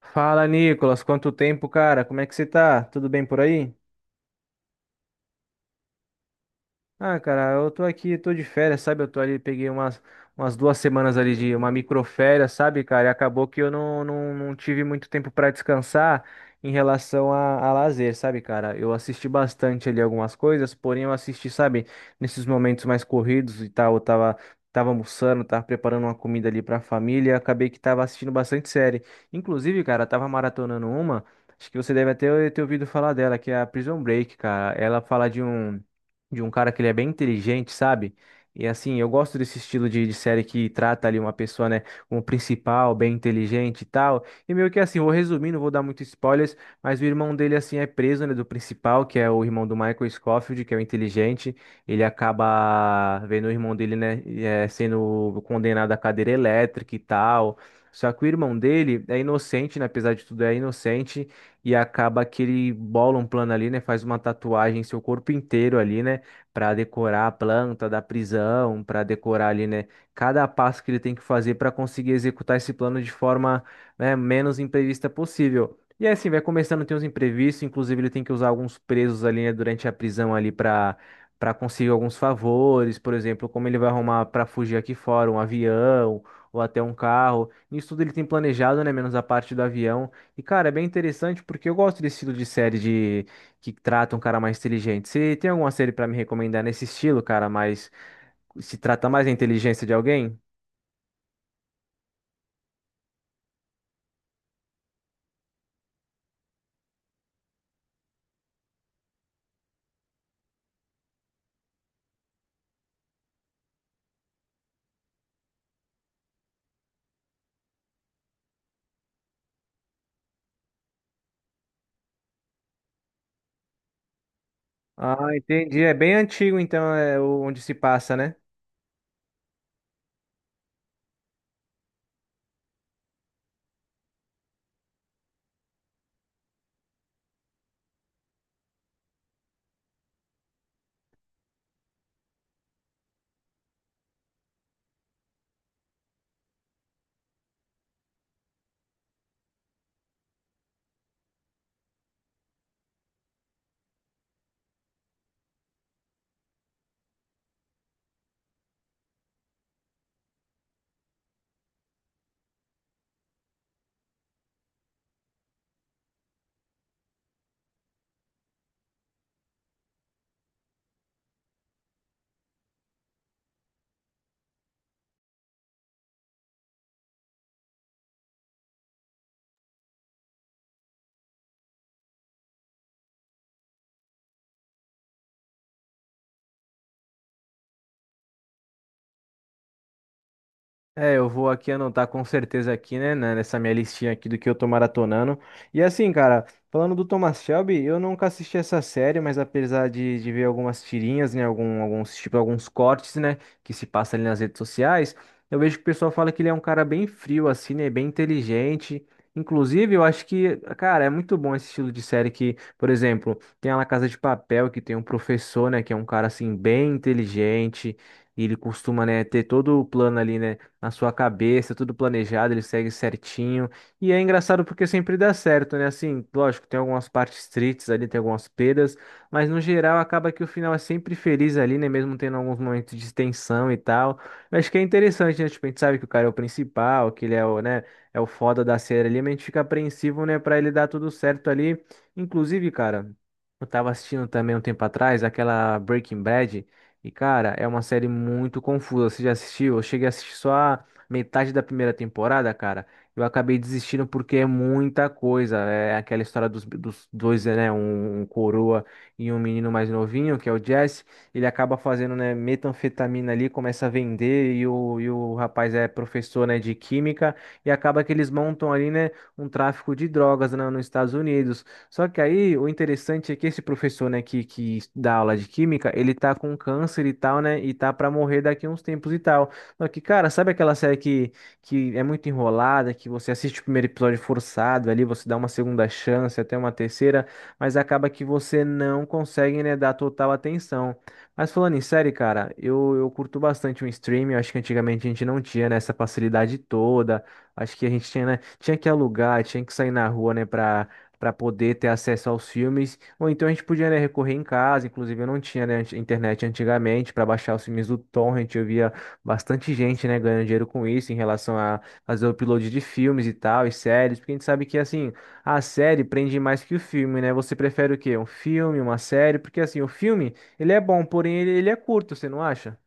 Fala, Nicolas. Quanto tempo, cara? Como é que você tá? Tudo bem por aí? Ah, cara, eu tô aqui, tô de férias, sabe? Eu tô ali, peguei umas duas semanas ali de uma microférias, sabe, cara? E acabou que eu não tive muito tempo pra descansar em relação a lazer, sabe, cara? Eu assisti bastante ali algumas coisas, porém eu assisti, sabe, nesses momentos mais corridos e tal, tava almoçando, tava preparando uma comida ali pra família, e acabei que tava assistindo bastante série. Inclusive, cara, tava maratonando uma, acho que você deve até ter ouvido falar dela, que é a Prison Break, cara. Ela fala de um cara que ele é bem inteligente, sabe? E assim, eu gosto desse estilo de série que trata ali uma pessoa, né, como principal, bem inteligente e tal. E meio que assim, vou resumir, não vou dar muito spoilers, mas o irmão dele, assim, é preso, né, do principal, que é o irmão do Michael Scofield, que é o inteligente. Ele acaba vendo o irmão dele, né, sendo condenado à cadeira elétrica e tal. Só que o irmão dele é inocente, né, apesar de tudo, é inocente e acaba que ele bola um plano ali, né? Faz uma tatuagem em seu corpo inteiro ali, né? Para decorar a planta da prisão, para decorar ali, né, cada passo que ele tem que fazer para conseguir executar esse plano de forma, né, menos imprevista possível. E aí, assim, vai começando a ter uns imprevistos, inclusive ele tem que usar alguns presos ali, né, durante a prisão ali para conseguir alguns favores, por exemplo, como ele vai arrumar para fugir aqui fora um avião ou até um carro. Isso tudo ele tem planejado, né, menos a parte do avião. E cara, é bem interessante porque eu gosto desse estilo de série de que trata um cara mais inteligente. Você tem alguma série pra me recomendar nesse estilo, cara, mas se trata mais da inteligência de alguém? Ah, entendi. É bem antigo, então, é o- onde se passa, né? É, eu vou aqui anotar com certeza aqui, nessa minha listinha aqui do que eu tô maratonando. E assim, cara, falando do Thomas Shelby, eu nunca assisti essa série, mas apesar de ver algumas tirinhas, né, alguns cortes, né, que se passa ali nas redes sociais, eu vejo que o pessoal fala que ele é um cara bem frio, assim, né, bem inteligente. Inclusive, eu acho que, cara, é muito bom esse estilo de série que, por exemplo, tem a La Casa de Papel, que tem um professor, né, que é um cara, assim, bem inteligente, e ele costuma, né, ter todo o plano ali, né, na sua cabeça, tudo planejado, ele segue certinho. E é engraçado porque sempre dá certo, né? Assim, lógico, tem algumas partes tristes ali, tem algumas perdas, mas no geral acaba que o final é sempre feliz ali, né? Mesmo tendo alguns momentos de tensão e tal. Eu acho que é interessante, né? Tipo, a gente sabe que o cara é o principal, que ele é o, né? É o foda da série ali, mas a gente fica apreensivo, né? Pra ele dar tudo certo ali. Inclusive, cara. Eu tava assistindo também um tempo atrás aquela Breaking Bad. E, cara, é uma série muito confusa. Você já assistiu? Eu cheguei a assistir só a metade da primeira temporada, cara. Eu acabei desistindo porque é muita coisa. É aquela história dos dois, né? Um coroa e um menino mais novinho, que é o Jesse. Ele acaba fazendo, né, metanfetamina ali, começa a vender. E o rapaz é professor, né, de química. E acaba que eles montam ali, né, um tráfico de drogas, né, nos Estados Unidos. Só que aí o interessante é que esse professor, né, que dá aula de química, ele tá com câncer e tal, né, e tá pra morrer daqui a uns tempos e tal. Só que, cara, sabe aquela série que é muito enrolada, que você assiste o primeiro episódio forçado, ali você dá uma segunda chance, até uma terceira, mas acaba que você não consegue, né, dar total atenção. Mas falando em série, cara, eu curto bastante o streaming, eu acho que antigamente a gente não tinha, né, essa facilidade toda. Acho que a gente tinha, né, tinha que alugar, tinha que sair na rua, né, pra para poder ter acesso aos filmes. Ou então a gente podia, né, recorrer em casa, inclusive eu não tinha, né, anti- internet antigamente para baixar os filmes do Torrent, eu via bastante gente, né, ganhando dinheiro com isso em relação a fazer o upload de filmes e tal, e séries, porque a gente sabe que assim, a série prende mais que o filme, né? Você prefere o quê? Um filme, uma série? Porque assim, o filme, ele é bom, porém ele, ele é curto, você não acha?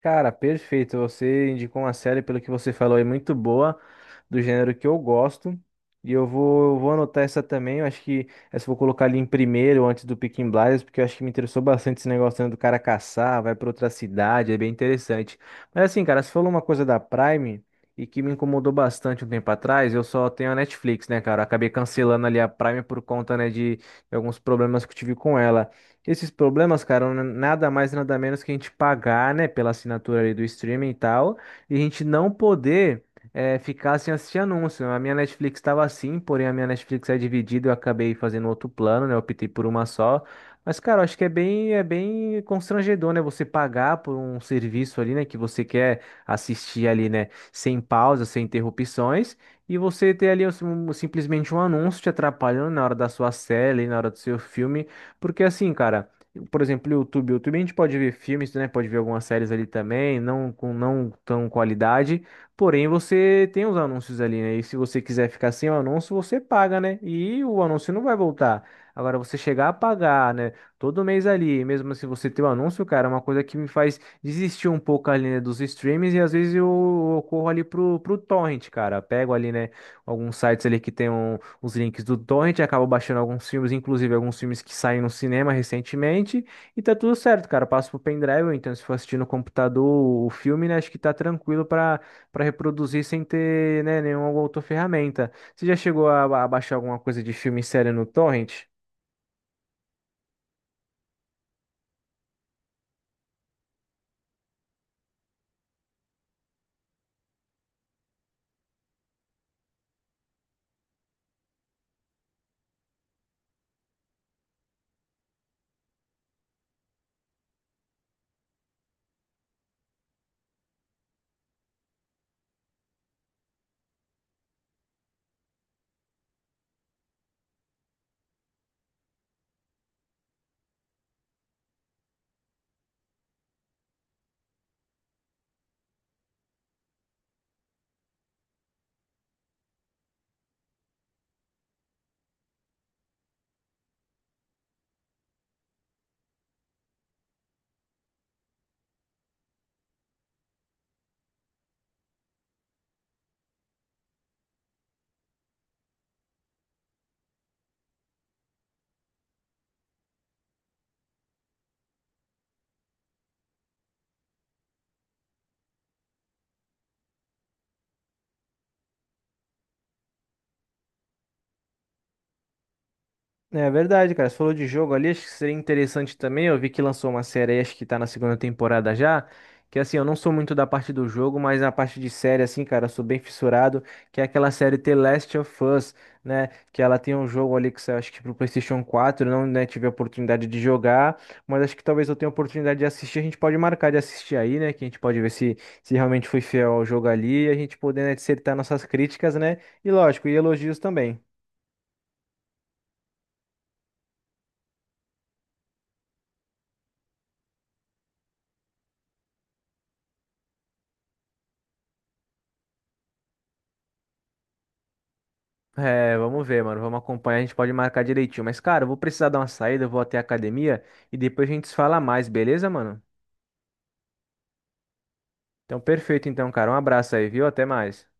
Cara, perfeito. Você indicou uma série, pelo que você falou, é muito boa, do gênero que eu gosto. E eu vou anotar essa também. Eu acho que essa eu vou colocar ali em primeiro, antes do Peaky Blinders, porque eu acho que me interessou bastante esse negócio né, do cara caçar, vai pra outra cidade, é bem interessante. Mas assim, cara, você falou uma coisa da Prime e que me incomodou bastante um tempo atrás. Eu só tenho a Netflix, né, cara? Eu acabei cancelando ali a Prime por conta, né, de alguns problemas que eu tive com ela. Esses problemas, cara, n- nada mais nada menos que a gente pagar, né, pela assinatura ali do streaming e tal, e a gente não poder ficar sem assistir anúncio. A minha Netflix estava assim, porém a minha Netflix é dividida, eu acabei fazendo outro plano, né, eu optei por uma só. Mas, cara, eu acho que é é bem constrangedor, né, você pagar por um serviço ali, né, que você quer assistir ali, né, sem pausa, sem interrupções. E você ter ali assim, um- simplesmente um anúncio te atrapalhando na hora da sua série, na hora do seu filme. Porque assim, cara, por exemplo, o YouTube a gente pode ver filmes, né? Pode ver algumas séries ali também, não com não tão qualidade, porém você tem os anúncios ali, né? E se você quiser ficar sem o anúncio, você paga, né? E o anúncio não vai voltar. Agora você chegar a pagar, né? Todo mês ali, mesmo se você tem o anúncio, cara, é uma coisa que me faz desistir um pouco ali, né, dos streams e às vezes eu corro ali pro torrent, cara. Pego ali, né, alguns sites ali que tem um, os links do torrent, acabo baixando alguns filmes, inclusive alguns filmes que saem no cinema recentemente, e tá tudo certo, cara. Passo pro pendrive, então se for assistir no computador o filme, né, acho que tá tranquilo para reproduzir sem ter, né, nenhuma outra ferramenta. Você já chegou a baixar alguma coisa de filme e série no torrent? É verdade, cara. Você falou de jogo ali, acho que seria interessante também. Eu vi que lançou uma série aí, acho que tá na segunda temporada já. Que assim, eu não sou muito da parte do jogo, mas na parte de série, assim, cara, eu sou bem fissurado. Que é aquela série The Last of Us, né? Que ela tem um jogo ali que saiu, acho que pro PlayStation 4. Não, né, tive a oportunidade de jogar, mas acho que talvez eu tenha a oportunidade de assistir. A gente pode marcar de assistir aí, né? Que a gente pode ver se, se realmente foi fiel ao jogo ali. E a gente poder, né, dissertar nossas críticas, né? E lógico, e elogios também. É, vamos ver, mano. Vamos acompanhar, a gente pode marcar direitinho. Mas, cara, eu vou precisar dar uma saída, eu vou até a academia e depois a gente se fala mais, beleza, mano? Então, perfeito, então, cara. Um abraço aí, viu? Até mais.